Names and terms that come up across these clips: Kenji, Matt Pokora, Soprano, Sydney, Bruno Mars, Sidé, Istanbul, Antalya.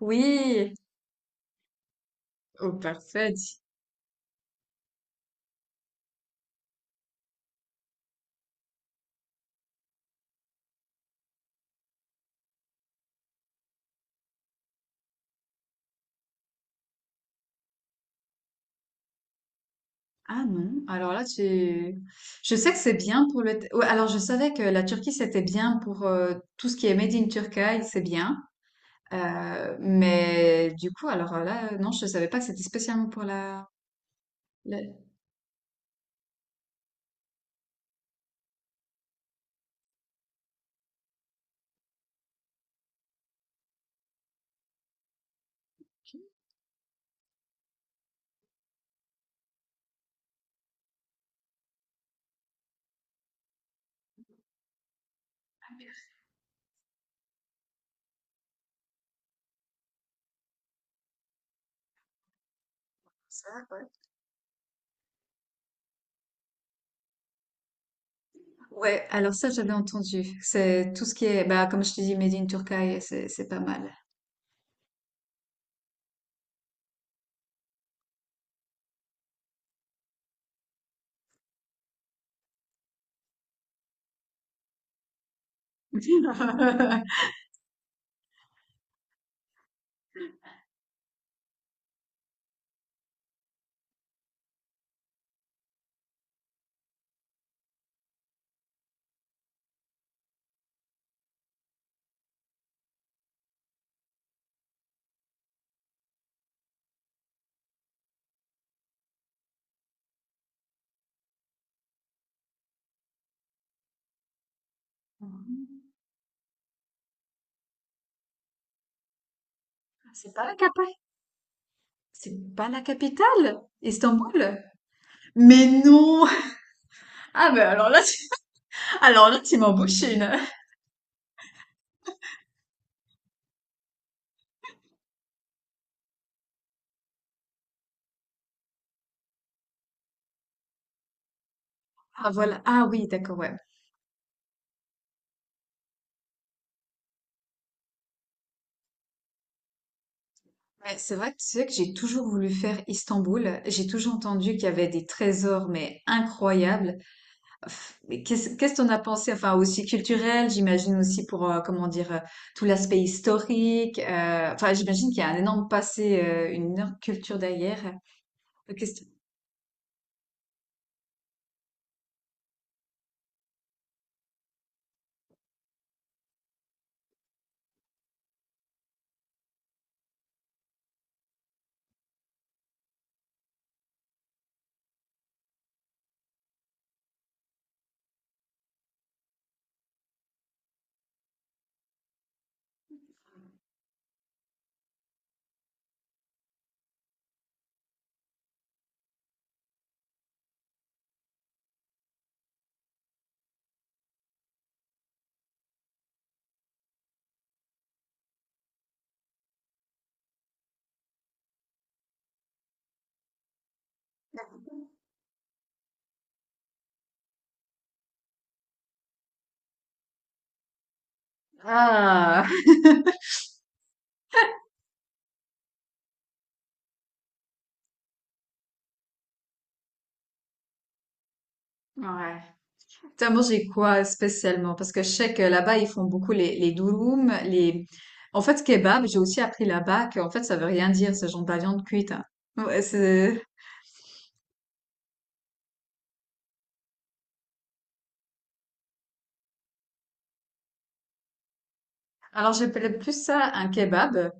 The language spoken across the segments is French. Oui. Oh, parfait. Ah non, alors là, tu... Je sais que c'est bien pour le... Ouais, alors, je savais que la Turquie, c'était bien pour tout ce qui est Made in Turkey, c'est bien. Mais du coup, alors là, non, je savais pas que c'était spécialement pour la... la- Ça, ouais. Ouais, alors ça, j'avais entendu. C'est tout ce qui est, bah, comme je te dis, Made in Turkey, c'est pas mal. C'est pas la capitale. C'est pas la capitale, Istanbul. Mais non! Ah ben alors là, tu m'en bouches une. Ah voilà. Ah oui, d'accord, ouais. Ouais, c'est vrai que tu sais que j'ai toujours voulu faire Istanbul. J'ai toujours entendu qu'il y avait des trésors, mais incroyables. Pff, mais qu'est-ce qu'on a pensé? Enfin, aussi culturel, j'imagine aussi pour, comment dire, tout l'aspect historique. Enfin, j'imagine qu'il y a un énorme passé, une énorme culture derrière. Euh, Qu'est-ce que- Ah! Ouais. T'as mangé quoi spécialement? Parce que je sais que là-bas, ils font beaucoup les durum, les... En fait, kebab, j'ai aussi appris là-bas que, en fait, ça veut rien dire, ce genre de la viande cuite, hein. Ouais, c'est... Alors, j'appelais plus ça un kebab.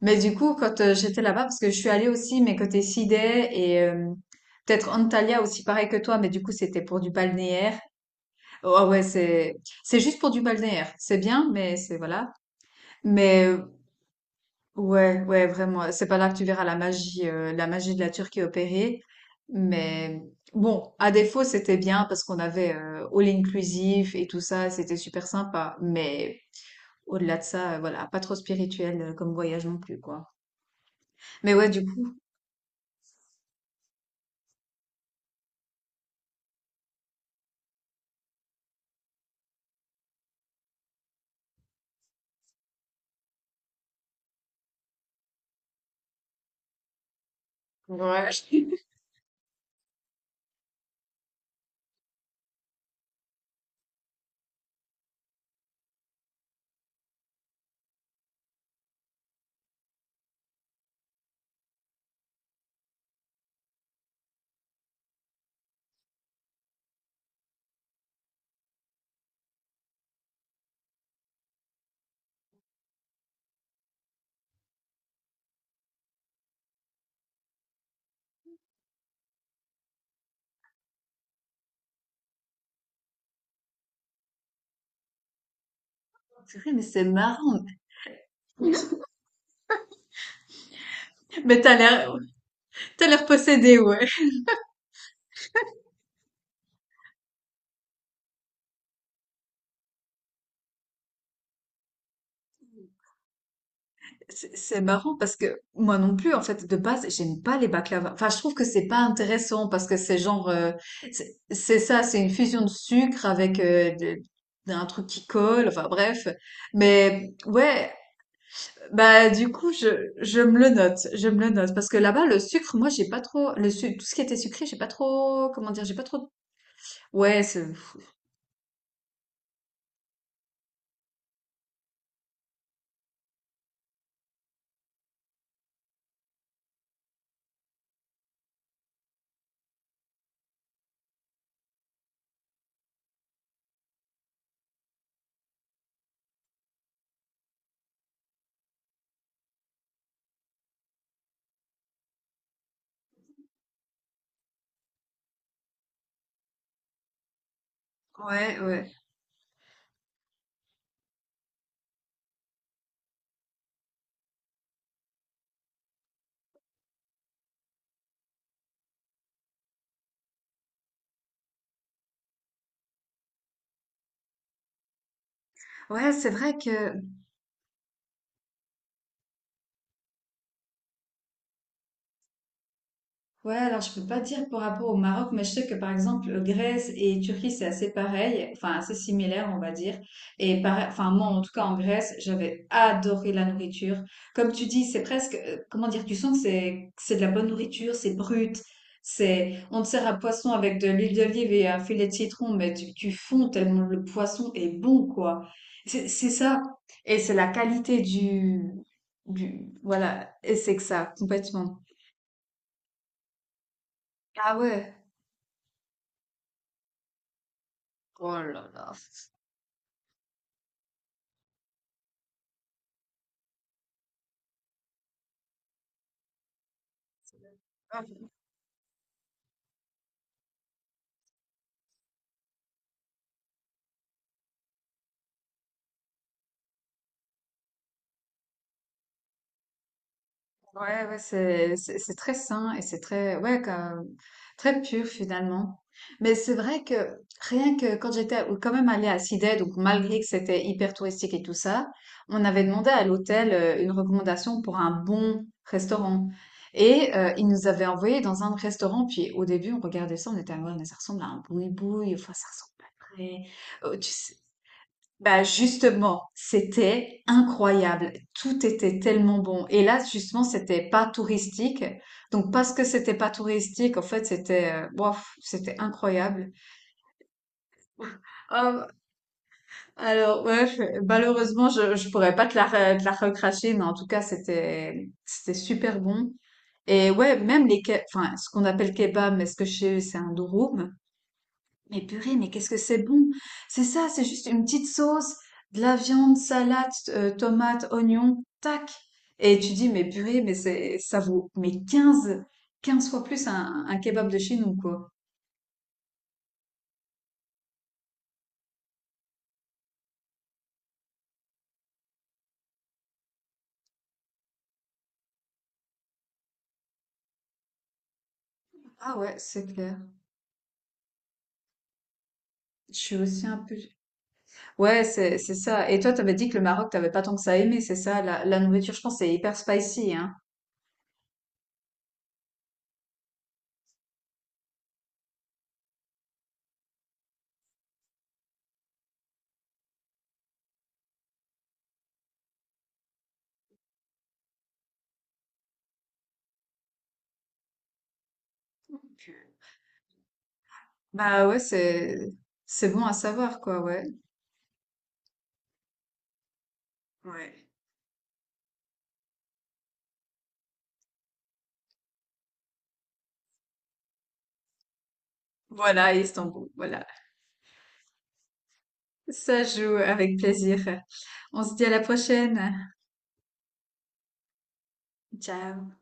Mais du coup, quand j'étais là-bas, parce que je suis allée aussi, mais côté Sidé et peut-être Antalya aussi, pareil que toi, mais du coup, c'était pour du balnéaire. Oh, ouais, c'est... C'est juste pour du balnéaire. C'est bien, mais c'est... Voilà. Mais euh, Ouais, ouais, vraiment. C'est pas là que tu verras la magie de la Turquie opérée. Mais bon, à défaut, c'était bien parce qu'on avait all inclusif et tout ça, c'était super sympa. Mais au-delà de ça, voilà, pas trop spirituel comme voyage non plus, quoi. Mais ouais, du coup, ouais, je- purée, mais c'est marrant. Mais t'as l'air, t'as l'air possédé, ouais. C'est marrant parce que moi non plus, en fait, de base, j'aime pas les baklava. Enfin, je trouve que c'est pas intéressant parce que c'est genre, c'est ça, c'est une fusion de sucre avec un truc qui colle. Enfin, bref. Mais ouais, bah du coup, je me le note, je me le note parce que là-bas, le sucre, moi, j'ai pas trop tout ce qui était sucré, j'ai pas trop, comment dire, j'ai pas trop. Ouais, c'est ouais, ouais, ouais, c'est vrai que ouais, alors je peux pas dire par rapport au Maroc, mais je sais que par exemple Grèce et Turquie c'est assez pareil, enfin assez similaire on va dire. Et pareil, enfin moi en tout cas en Grèce j'avais adoré la nourriture. Comme tu dis, c'est presque, comment dire, tu sens que c'est de la bonne nourriture, c'est brut, c'est on te sert un poisson avec de l'huile d'olive et un filet de citron, mais tu fonds tellement le poisson est bon quoi. C'est ça et c'est la qualité du voilà et c'est que ça complètement. Ah ouais. Oh là là. C'est très sain et c'est très ouais très pur finalement. Mais c'est vrai que rien que quand j'étais ou quand même allée à Sydney, donc malgré que c'était hyper touristique et tout ça, on avait demandé à l'hôtel une recommandation pour un bon restaurant et ils nous avaient envoyé dans un restaurant. Puis au début, on regardait ça, on était ah ouais, mais ça ressemble à un boui-boui, enfin ça ressemble pas très. Bah justement, c'était incroyable. Tout était tellement bon. Et là, justement, c'était pas touristique. Donc parce que c'était pas touristique, en fait, c'était bof, c'était incroyable. Ah, alors ouais, malheureusement, je pourrais pas te la te la recracher, mais en tout cas, c'était super bon. Et ouais, même les enfin ce qu'on appelle kebab, mais ce que chez eux c'est un durum. Mais purée, mais qu'est-ce que c'est bon! C'est ça, c'est juste une petite sauce, de la viande, salade, tomate, oignon, tac! Et tu dis, mais purée, mais c'est, ça vaut, mais 15 fois plus un kebab de chez nous, quoi. Ah ouais, c'est clair. Je suis aussi un peu... Ouais, c'est ça. Et toi, t'avais dit que le Maroc, t'avais pas tant que ça aimé, c'est ça, la nourriture, je pense, c'est hyper spicy, hein. Bah ouais, c'est, c'est bon à savoir, quoi, ouais. Ouais. Voilà, Istanbul, voilà. Ça joue avec plaisir. On se dit à la prochaine. Ciao.